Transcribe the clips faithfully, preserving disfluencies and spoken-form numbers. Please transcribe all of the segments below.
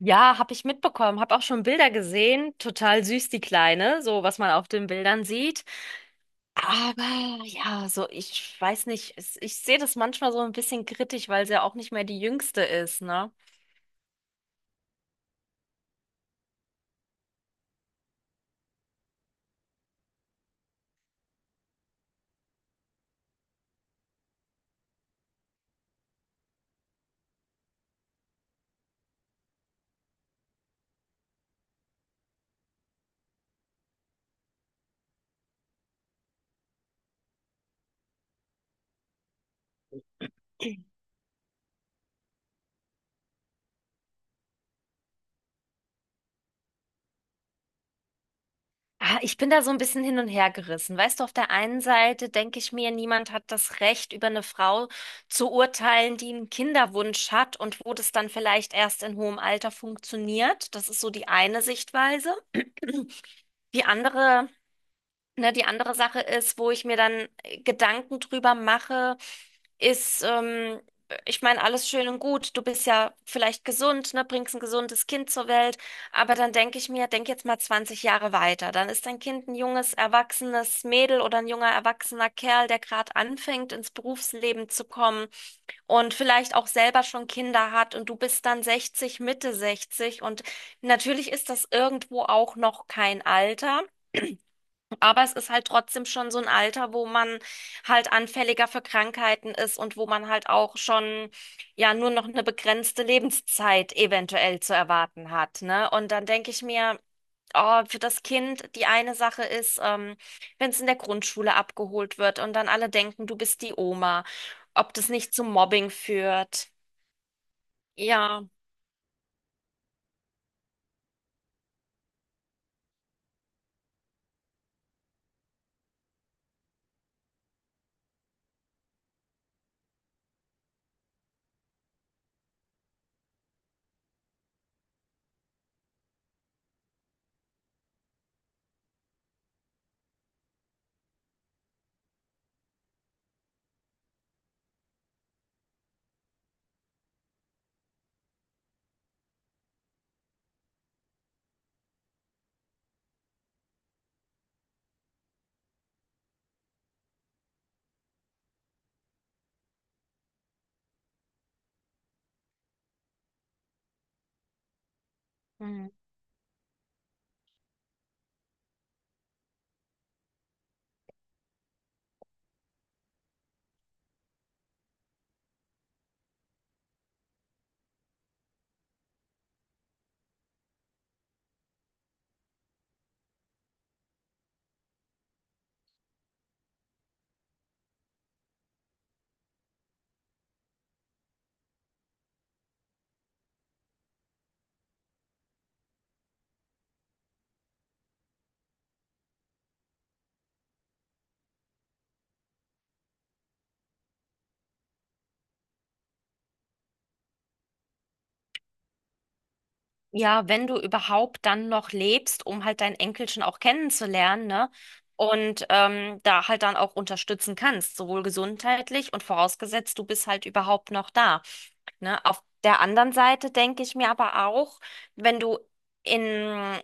Ja, habe ich mitbekommen, habe auch schon Bilder gesehen. Total süß, die Kleine, so was man auf den Bildern sieht. Aber ja, so ich weiß nicht, es- ich sehe das manchmal so ein bisschen kritisch, weil sie ja auch nicht mehr die Jüngste ist, ne? Ah, ich bin da so ein bisschen hin und her gerissen. Weißt du, auf der einen Seite denke ich mir, niemand hat das Recht, über eine Frau zu urteilen, die einen Kinderwunsch hat und wo das dann vielleicht erst in hohem Alter funktioniert. Das ist so die eine Sichtweise. Die andere. Ne, die andere Sache ist, wo ich mir dann äh, Gedanken drüber mache, ist, ähm, Ich meine, alles schön und gut. Du bist ja vielleicht gesund, ne, bringst ein gesundes Kind zur Welt. Aber dann denke ich mir, denk jetzt mal zwanzig Jahre weiter. Dann ist dein Kind ein junges, erwachsenes Mädel oder ein junger, erwachsener Kerl, der gerade anfängt, ins Berufsleben zu kommen und vielleicht auch selber schon Kinder hat und du bist dann sechzig, Mitte sechzig, und natürlich ist das irgendwo auch noch kein Alter. Aber es ist halt trotzdem schon so ein Alter, wo man halt anfälliger für Krankheiten ist und wo man halt auch schon ja nur noch eine begrenzte Lebenszeit eventuell zu erwarten hat, ne? Und dann denke ich mir, oh, für das Kind die eine Sache ist, ähm, wenn es in der Grundschule abgeholt wird und dann alle denken, du bist die Oma, ob das nicht zu Mobbing führt. Ja. Hm. Ja, wenn du überhaupt dann noch lebst, um halt dein Enkelchen auch kennenzulernen, ne? Und ähm, da halt dann auch unterstützen kannst, sowohl gesundheitlich und vorausgesetzt, du bist halt überhaupt noch da. Ne? Auf der anderen Seite denke ich mir aber auch, wenn du in,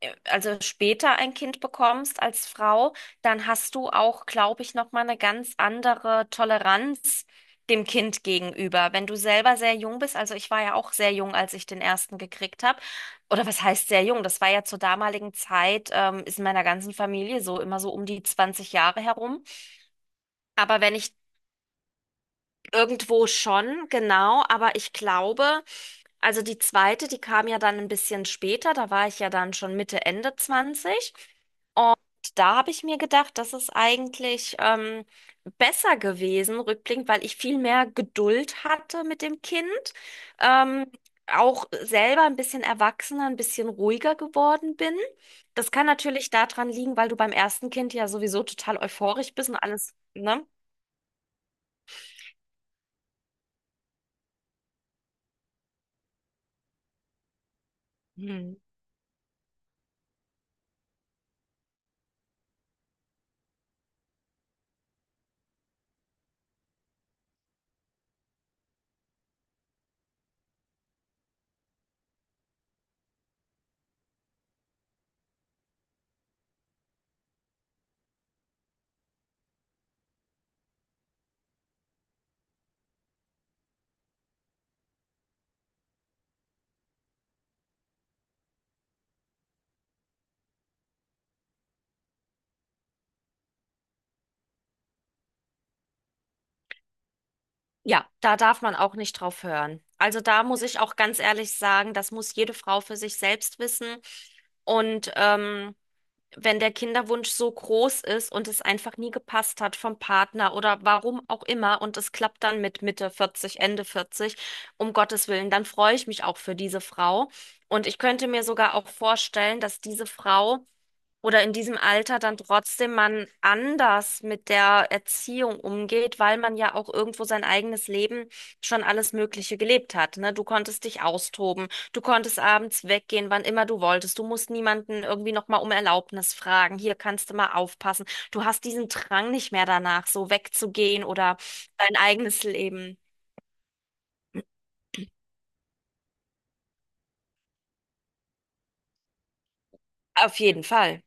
äh, also später ein Kind bekommst als Frau, dann hast du auch, glaube ich, nochmal eine ganz andere Toleranz dem Kind gegenüber. Wenn du selber sehr jung bist, also ich war ja auch sehr jung, als ich den ersten gekriegt habe. Oder was heißt sehr jung? Das war ja zur damaligen Zeit, ähm, ist in meiner ganzen Familie so immer so um die zwanzig Jahre herum. Aber wenn ich irgendwo schon, genau, aber ich glaube, also die zweite, die kam ja dann ein bisschen später, da war ich ja dann schon Mitte, Ende zwanzig. Da habe ich mir gedacht, das ist eigentlich ähm, besser gewesen, rückblickend, weil ich viel mehr Geduld hatte mit dem Kind. Ähm, Auch selber ein bisschen erwachsener, ein bisschen ruhiger geworden bin. Das kann natürlich daran liegen, weil du beim ersten Kind ja sowieso total euphorisch bist und alles, ne? Hm. Ja, da darf man auch nicht drauf hören. Also da muss ich auch ganz ehrlich sagen, das muss jede Frau für sich selbst wissen. Und ähm, wenn der Kinderwunsch so groß ist und es einfach nie gepasst hat vom Partner oder warum auch immer und es klappt dann mit Mitte vierzig Ende vierzig, um Gottes Willen, dann freue ich mich auch für diese Frau. Und ich könnte mir sogar auch vorstellen, dass diese Frau oder in diesem Alter dann trotzdem man anders mit der Erziehung umgeht, weil man ja auch irgendwo sein eigenes Leben schon alles Mögliche gelebt hat, ne? Du konntest dich austoben, du konntest abends weggehen, wann immer du wolltest, du musst niemanden irgendwie nochmal um Erlaubnis fragen, hier kannst du mal aufpassen. Du hast diesen Drang nicht mehr danach, so wegzugehen oder dein eigenes Leben. Auf jeden Fall.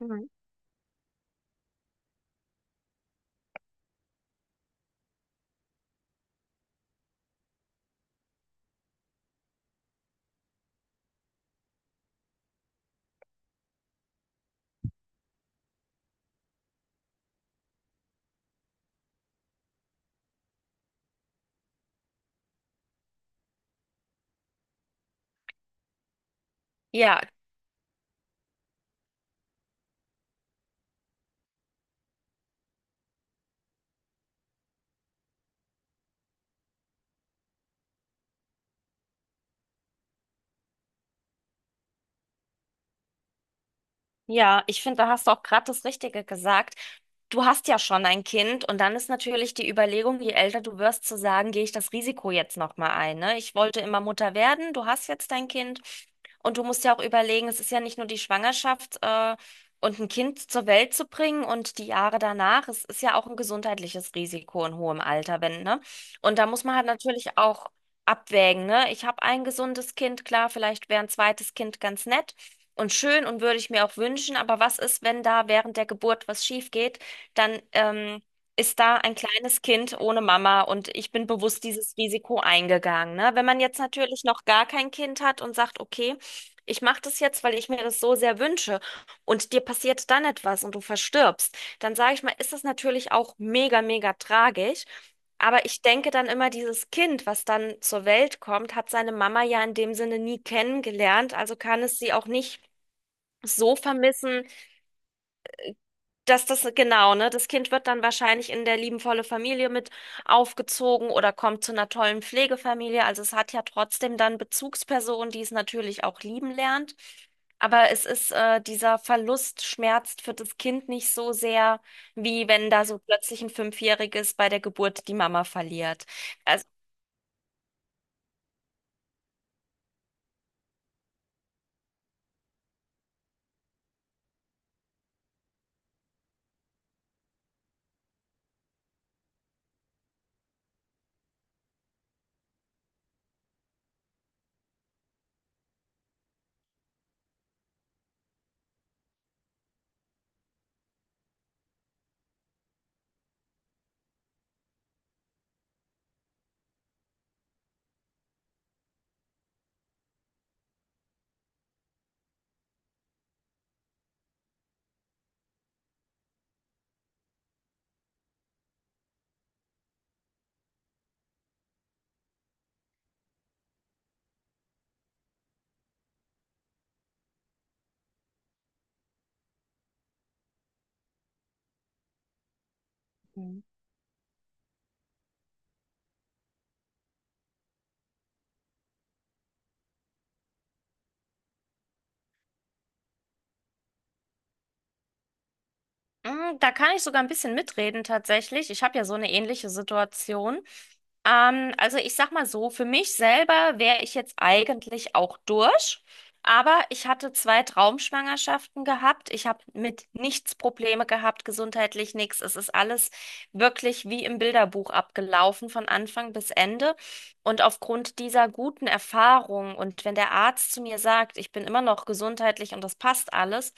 Mhm. Ja. Ja, ich finde, da hast du auch gerade das Richtige gesagt. Du hast ja schon ein Kind und dann ist natürlich die Überlegung, je älter du wirst, zu sagen, gehe ich das Risiko jetzt nochmal ein, ne? Ich wollte immer Mutter werden, du hast jetzt dein Kind und du musst ja auch überlegen, es ist ja nicht nur die Schwangerschaft, äh, und ein Kind zur Welt zu bringen und die Jahre danach, es ist ja auch ein gesundheitliches Risiko in hohem Alter, wenn, ne? Und da muss man halt natürlich auch abwägen, ne? Ich habe ein gesundes Kind, klar, vielleicht wäre ein zweites Kind ganz nett und schön und würde ich mir auch wünschen. Aber was ist, wenn da während der Geburt was schief geht? Dann ähm, ist da ein kleines Kind ohne Mama und ich bin bewusst dieses Risiko eingegangen. Ne? Wenn man jetzt natürlich noch gar kein Kind hat und sagt, okay, ich mache das jetzt, weil ich mir das so sehr wünsche und dir passiert dann etwas und du verstirbst, dann sage ich mal, ist das natürlich auch mega, mega tragisch. Aber ich denke dann immer, dieses Kind, was dann zur Welt kommt, hat seine Mama ja in dem Sinne nie kennengelernt, also kann es sie auch nicht so vermissen, dass das, genau, ne, das Kind wird dann wahrscheinlich in der liebenvolle Familie mit aufgezogen oder kommt zu einer tollen Pflegefamilie. Also es hat ja trotzdem dann Bezugspersonen, die es natürlich auch lieben lernt. Aber es ist, äh, dieser Verlust schmerzt für das Kind nicht so sehr, wie wenn da so plötzlich ein Fünfjähriges bei der Geburt die Mama verliert. Also Mm, da kann ich sogar ein bisschen mitreden tatsächlich. Ich habe ja so eine ähnliche Situation. Ähm, also ich sag mal so, für mich selber wäre ich jetzt eigentlich auch durch, aber ich hatte zwei Traumschwangerschaften gehabt. Ich habe mit nichts Probleme gehabt, gesundheitlich nichts. Es ist alles wirklich wie im Bilderbuch abgelaufen, von Anfang bis Ende. Und aufgrund dieser guten Erfahrung und wenn der Arzt zu mir sagt, ich bin immer noch gesundheitlich und das passt alles,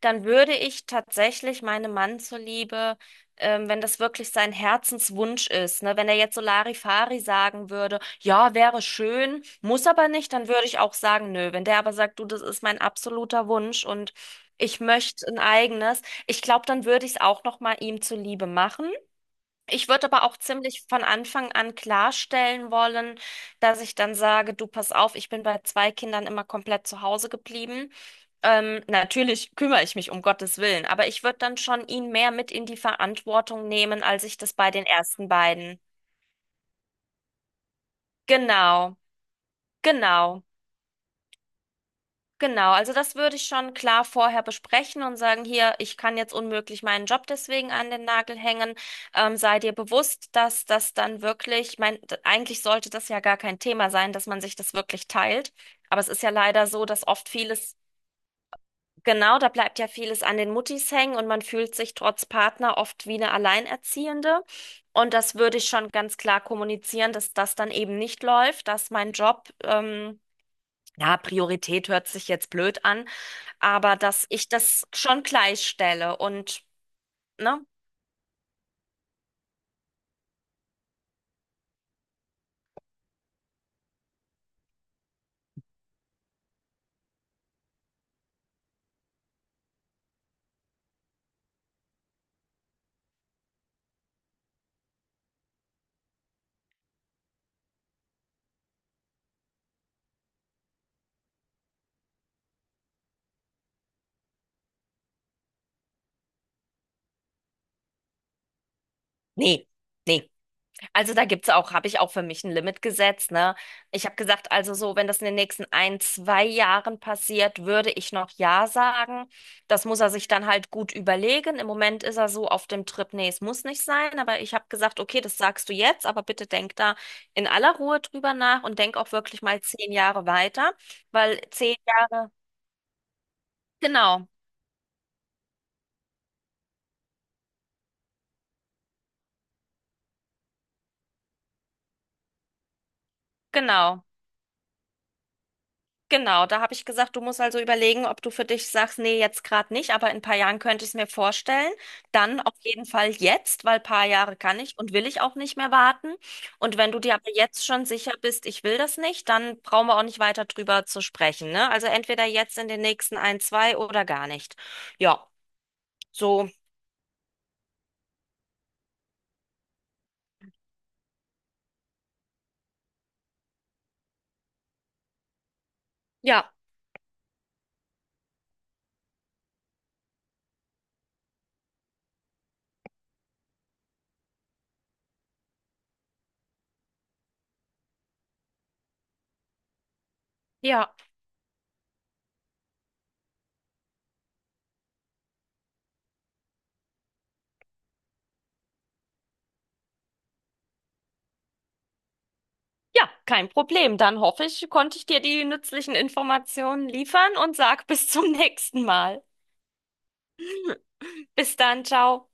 dann würde ich tatsächlich meinem Mann zuliebe, ähm, wenn das wirklich sein Herzenswunsch ist, ne? Wenn er jetzt so Larifari sagen würde, ja, wäre schön, muss aber nicht, dann würde ich auch sagen, nö. Wenn der aber sagt, du, das ist mein absoluter Wunsch und ich möchte ein eigenes, ich glaube, dann würde ich es auch noch mal ihm zuliebe machen. Ich würde aber auch ziemlich von Anfang an klarstellen wollen, dass ich dann sage, du pass auf, ich bin bei zwei Kindern immer komplett zu Hause geblieben. Ähm, natürlich kümmere ich mich um Gottes Willen, aber ich würde dann schon ihn mehr mit in die Verantwortung nehmen, als ich das bei den ersten beiden. Genau, genau. Genau, also das würde ich schon klar vorher besprechen und sagen, hier, ich kann jetzt unmöglich meinen Job deswegen an den Nagel hängen. Ähm, sei dir bewusst, dass das dann wirklich, ich meine, d- eigentlich sollte das ja gar kein Thema sein, dass man sich das wirklich teilt. Aber es ist ja leider so, dass oft vieles, genau, da bleibt ja vieles an den Muttis hängen und man fühlt sich trotz Partner oft wie eine Alleinerziehende. Und das würde ich schon ganz klar kommunizieren, dass das dann eben nicht läuft, dass mein Job, ähm, ja, Priorität hört sich jetzt blöd an, aber dass ich das schon gleichstelle und, ne? Nee. Nee, also da gibt's auch, habe ich auch für mich ein Limit gesetzt, ne? Ich habe gesagt, also so, wenn das in den nächsten ein, zwei Jahren passiert, würde ich noch ja sagen. Das muss er sich dann halt gut überlegen. Im Moment ist er so auf dem Trip, nee, es muss nicht sein, aber ich habe gesagt, okay, das sagst du jetzt, aber bitte denk da in aller Ruhe drüber nach und denk auch wirklich mal zehn Jahre weiter, weil zehn Jahre, genau, genau. Genau, da habe ich gesagt, du musst also überlegen, ob du für dich sagst, nee, jetzt gerade nicht, aber in ein paar Jahren könnte ich es mir vorstellen. Dann auf jeden Fall jetzt, weil ein paar Jahre kann ich und will ich auch nicht mehr warten. Und wenn du dir aber jetzt schon sicher bist, ich will das nicht, dann brauchen wir auch nicht weiter drüber zu sprechen, ne? Also entweder jetzt in den nächsten ein, zwei oder gar nicht. Ja, so, ja, ja. Ja, kein Problem. Dann hoffe ich, konnte ich dir die nützlichen Informationen liefern und sag bis zum nächsten Mal. Bis dann, ciao.